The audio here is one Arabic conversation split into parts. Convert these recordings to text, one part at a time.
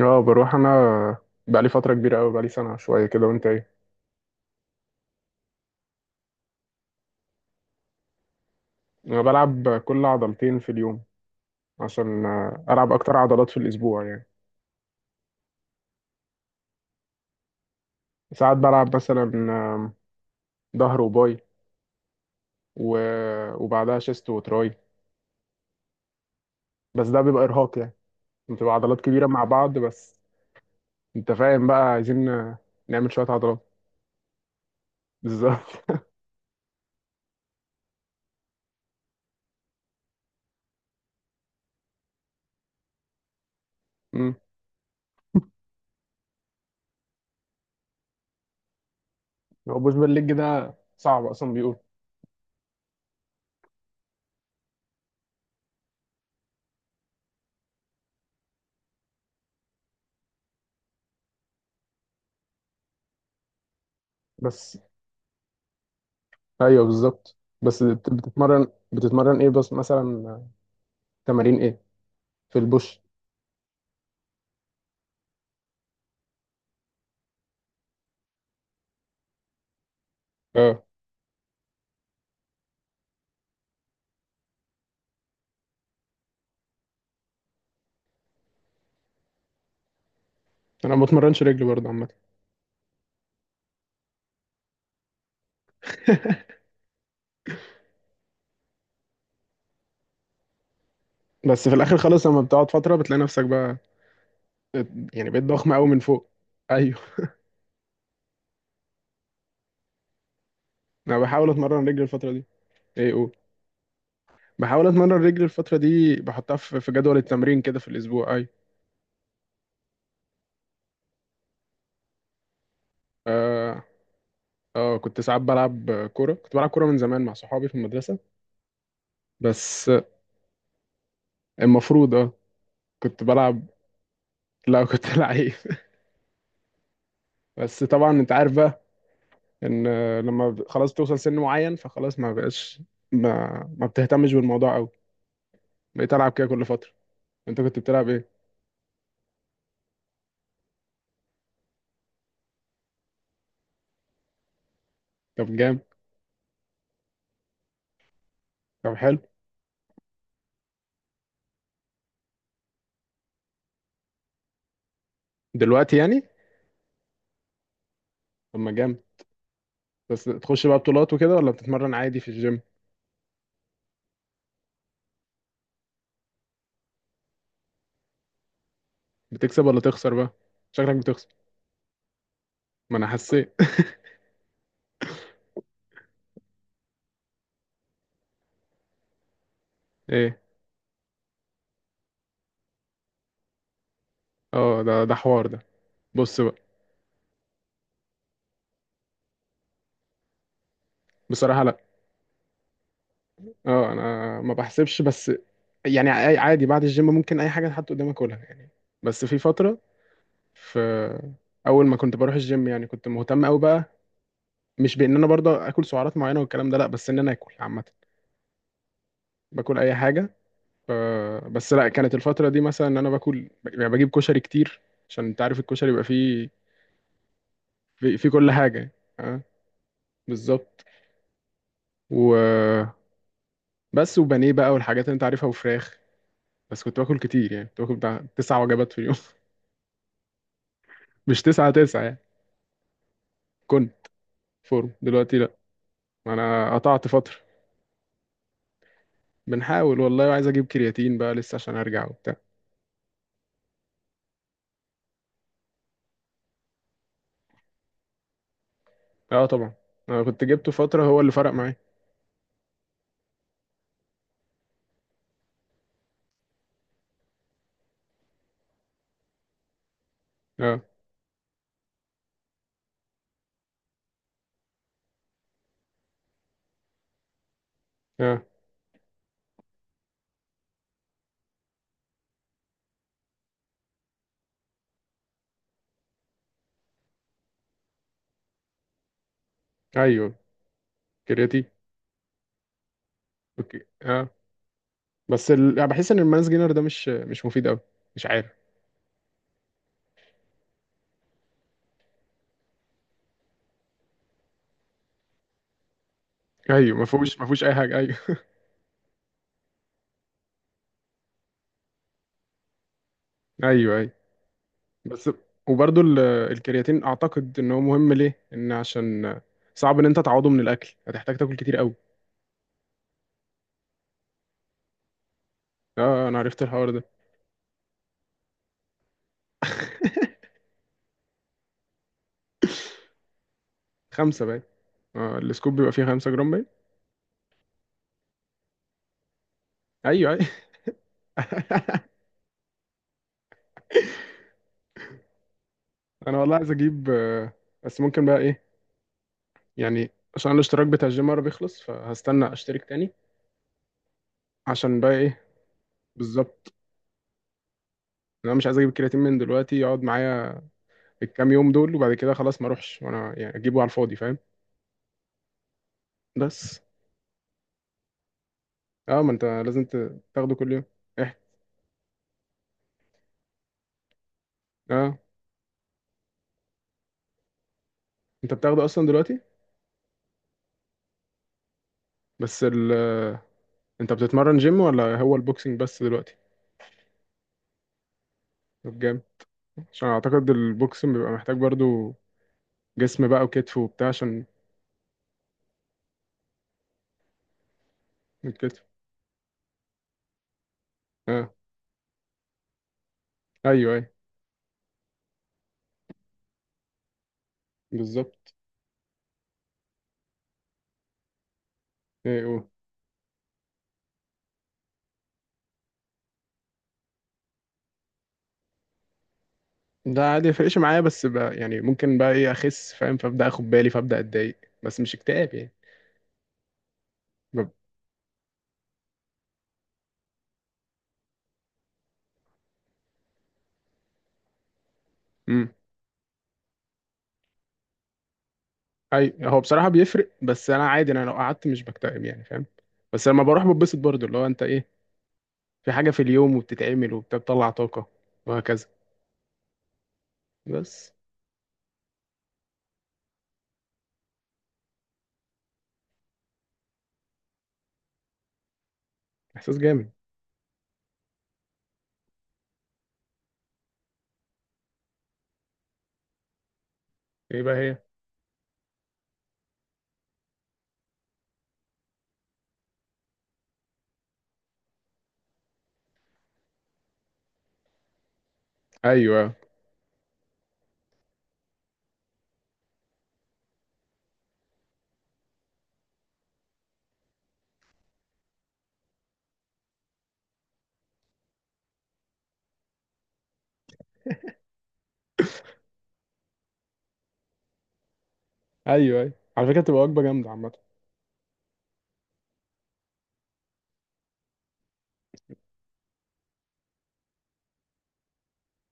اه، بروح انا. بقالي فترة كبيرة قوي، بقالي سنة شوية كده. وانت ايه؟ انا بلعب كل عضلتين في اليوم عشان العب اكتر عضلات في الاسبوع، يعني. ساعات بلعب مثلا ظهر وباي، و... وبعدها شيست وتراي. بس ده بيبقى ارهاق، يعني بتبقى عضلات كبيرة مع بعض بس. انت فاهم بقى؟ عايزين نعمل شوية عضلات. بالظبط. مم. هو بوش بالليج ده صعب اصلا، بيقول؟ بس ايوه بالظبط. بس بتتمرن ايه بس مثلا؟ آه، تمارين ايه في البوش؟ اه، انا ما بتمرنش رجل برضه عامه. بس في الاخر خالص لما بتقعد فتره بتلاقي نفسك بقى، يعني بقيت ضخمه قوي من فوق. ايوه. انا بحاول اتمرن رجل الفتره دي. ايه؟ قول. بحاول اتمرن رجل الفتره دي، بحطها في جدول التمرين كده في الاسبوع، ايوه. اه. اه كنت ساعات بلعب كوره، كنت بلعب كوره من زمان مع صحابي في المدرسه. بس المفروض اه كنت بلعب. لا كنت لعيب. بس طبعا انت عارف بقى، ان لما خلاص توصل سن معين فخلاص ما بقاش. ما بتهتمش بالموضوع قوي. بقيت العب كده كل فتره. انت كنت بتلعب ايه؟ طب جامد، طب حلو. دلوقتي يعني؟ طب ما جامد. بس تخش بقى بطولات وكده، ولا بتتمرن عادي في الجيم؟ بتكسب ولا تخسر بقى؟ شكلك بتخسر. ما انا حسيت. ايه؟ اه، ده حوار ده، بص بقى. بصراحة لا. اه انا ما بحسبش، بس يعني عادي بعد الجيم ممكن اي حاجة تحط قدامك كلها، يعني. بس في فترة، في اول ما كنت بروح الجيم يعني كنت مهتم قوي بقى. مش بان انا برضه اكل سعرات معينة والكلام ده لا، بس ان انا اكل عامة، باكل اي حاجة. ف- بس لا، كانت الفترة دي مثلا ان انا باكل، يعني بجيب كشري كتير. عشان انت عارف الكشري بيبقى فيه في كل حاجة. اه، بالظبط. وبس، وبانيه بقى والحاجات اللي انت عارفها وفراخ. بس كنت باكل كتير، يعني كنت باكل بتاع تسع وجبات في اليوم. مش تسعة تسعة يعني. كنت. فورم دلوقتي لا، انا قطعت فترة. بنحاول والله، وعايز اجيب كرياتين بقى لسه عشان ارجع وبتاع. اه طبعا، انا كنت جبته فترة هو اللي فرق معايا. اه. اه ايوه كرياتين. اوكي اه. بس يعني بحس ان المانس جينر ده مش مفيد قوي. مش عارف. ايوه، ما فيهوش اي حاجه، ايوه. ايوه ايوه. بس وبرضو الكرياتين اعتقد ان هو مهم ليه، ان عشان صعب ان انت تعوضه من الاكل، هتحتاج تاكل كتير قوي. اه انا عرفت الحوار ده. خمسة باين. آه السكوب بيبقى فيه 5 جرام باين. ايوه ايوه. انا والله عايز اجيب بس ممكن بقى ايه يعني، عشان الاشتراك بتاع الجيم مرة بيخلص، فهستنى اشترك تاني عشان بقى ايه. بالظبط. انا مش عايز اجيب الكرياتين من دلوقتي يقعد معايا الكام يوم دول، وبعد كده خلاص ما اروحش وانا يعني اجيبه على الفاضي، فاهم؟ بس اه، ما انت لازم تاخده كل يوم. احكي. اه. انت بتاخده اصلا دلوقتي؟ بس انت بتتمرن جيم ولا هو البوكسنج بس دلوقتي؟ طب جامد. عشان اعتقد البوكسنج بيبقى محتاج برضو جسم بقى وكتف وبتاع، عشان الكتف. اه. ايوه ايوه بالظبط. ايه؟ قول. ده عادي يفرقش معايا، بس بقى يعني ممكن بقى ايه، اخس فاهم، فابدا اخد بالي فابدا اتضايق، بس مش اكتئاب يعني. اي، هو بصراحه بيفرق، بس انا عادي، انا لو قعدت مش بكتئب يعني، فاهم. بس لما بروح بتبسط برضو، اللي هو انت ايه، في حاجه في اليوم وبتتعمل وبتطلع طاقه، وهكذا. بس. احساس جامد. ايه بقى هي؟ ايوه ايوه ايوه، على فكره تبقى وجبه جامده عامه.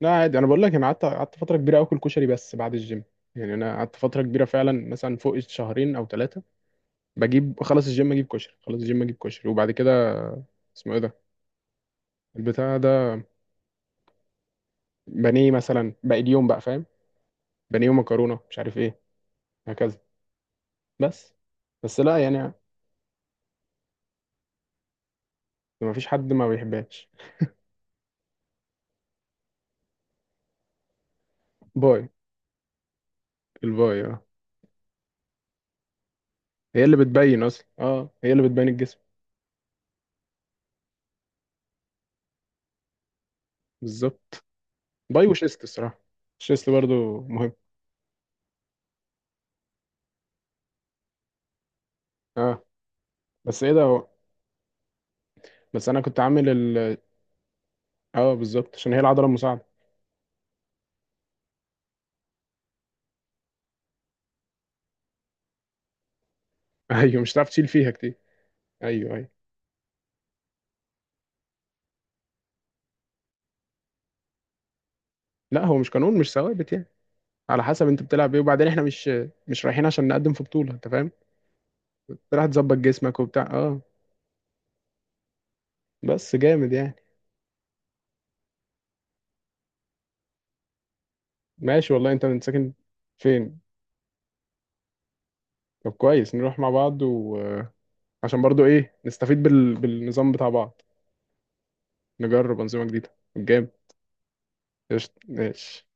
لا عادي، انا بقول لك انا قعدت فتره كبيره اكل كشري بس بعد الجيم. يعني انا قعدت فتره كبيره فعلا، مثلا فوق شهرين او ثلاثه. بجيب، خلاص الجيم اجيب كشري، خلاص الجيم اجيب كشري، وبعد كده. اسمه ايه ده؟ البتاع ده، بانيه مثلا باقي اليوم بقى، فاهم. بانيه ومكرونه مش عارف ايه، هكذا. بس بس لا يعني. ما فيش حد ما بيحبهاش. باي. الباي، اه. هي اللي بتبين اصلا، اه هي اللي بتبين الجسم. بالظبط. باي وشيست الصراحه، الشيست برضو مهم. اه. بس ايه ده هو، بس انا كنت عامل اه بالظبط، عشان هي العضله المساعده. ايوه، مش هتعرف تشيل فيها كتير. ايوه ايوه. لا هو مش قانون، مش ثوابت يعني، على حسب انت بتلعب ايه. وبعدين احنا مش رايحين عشان نقدم في بطوله، انت فاهم. رايح تظبط جسمك وبتاع، اه. بس جامد يعني. ماشي والله. انت من ساكن فين؟ طب كويس، نروح مع بعض وعشان برضو ايه نستفيد بالنظام بتاع بعض. نجرب أنظمة جديدة. جامد. قشطة ماشي.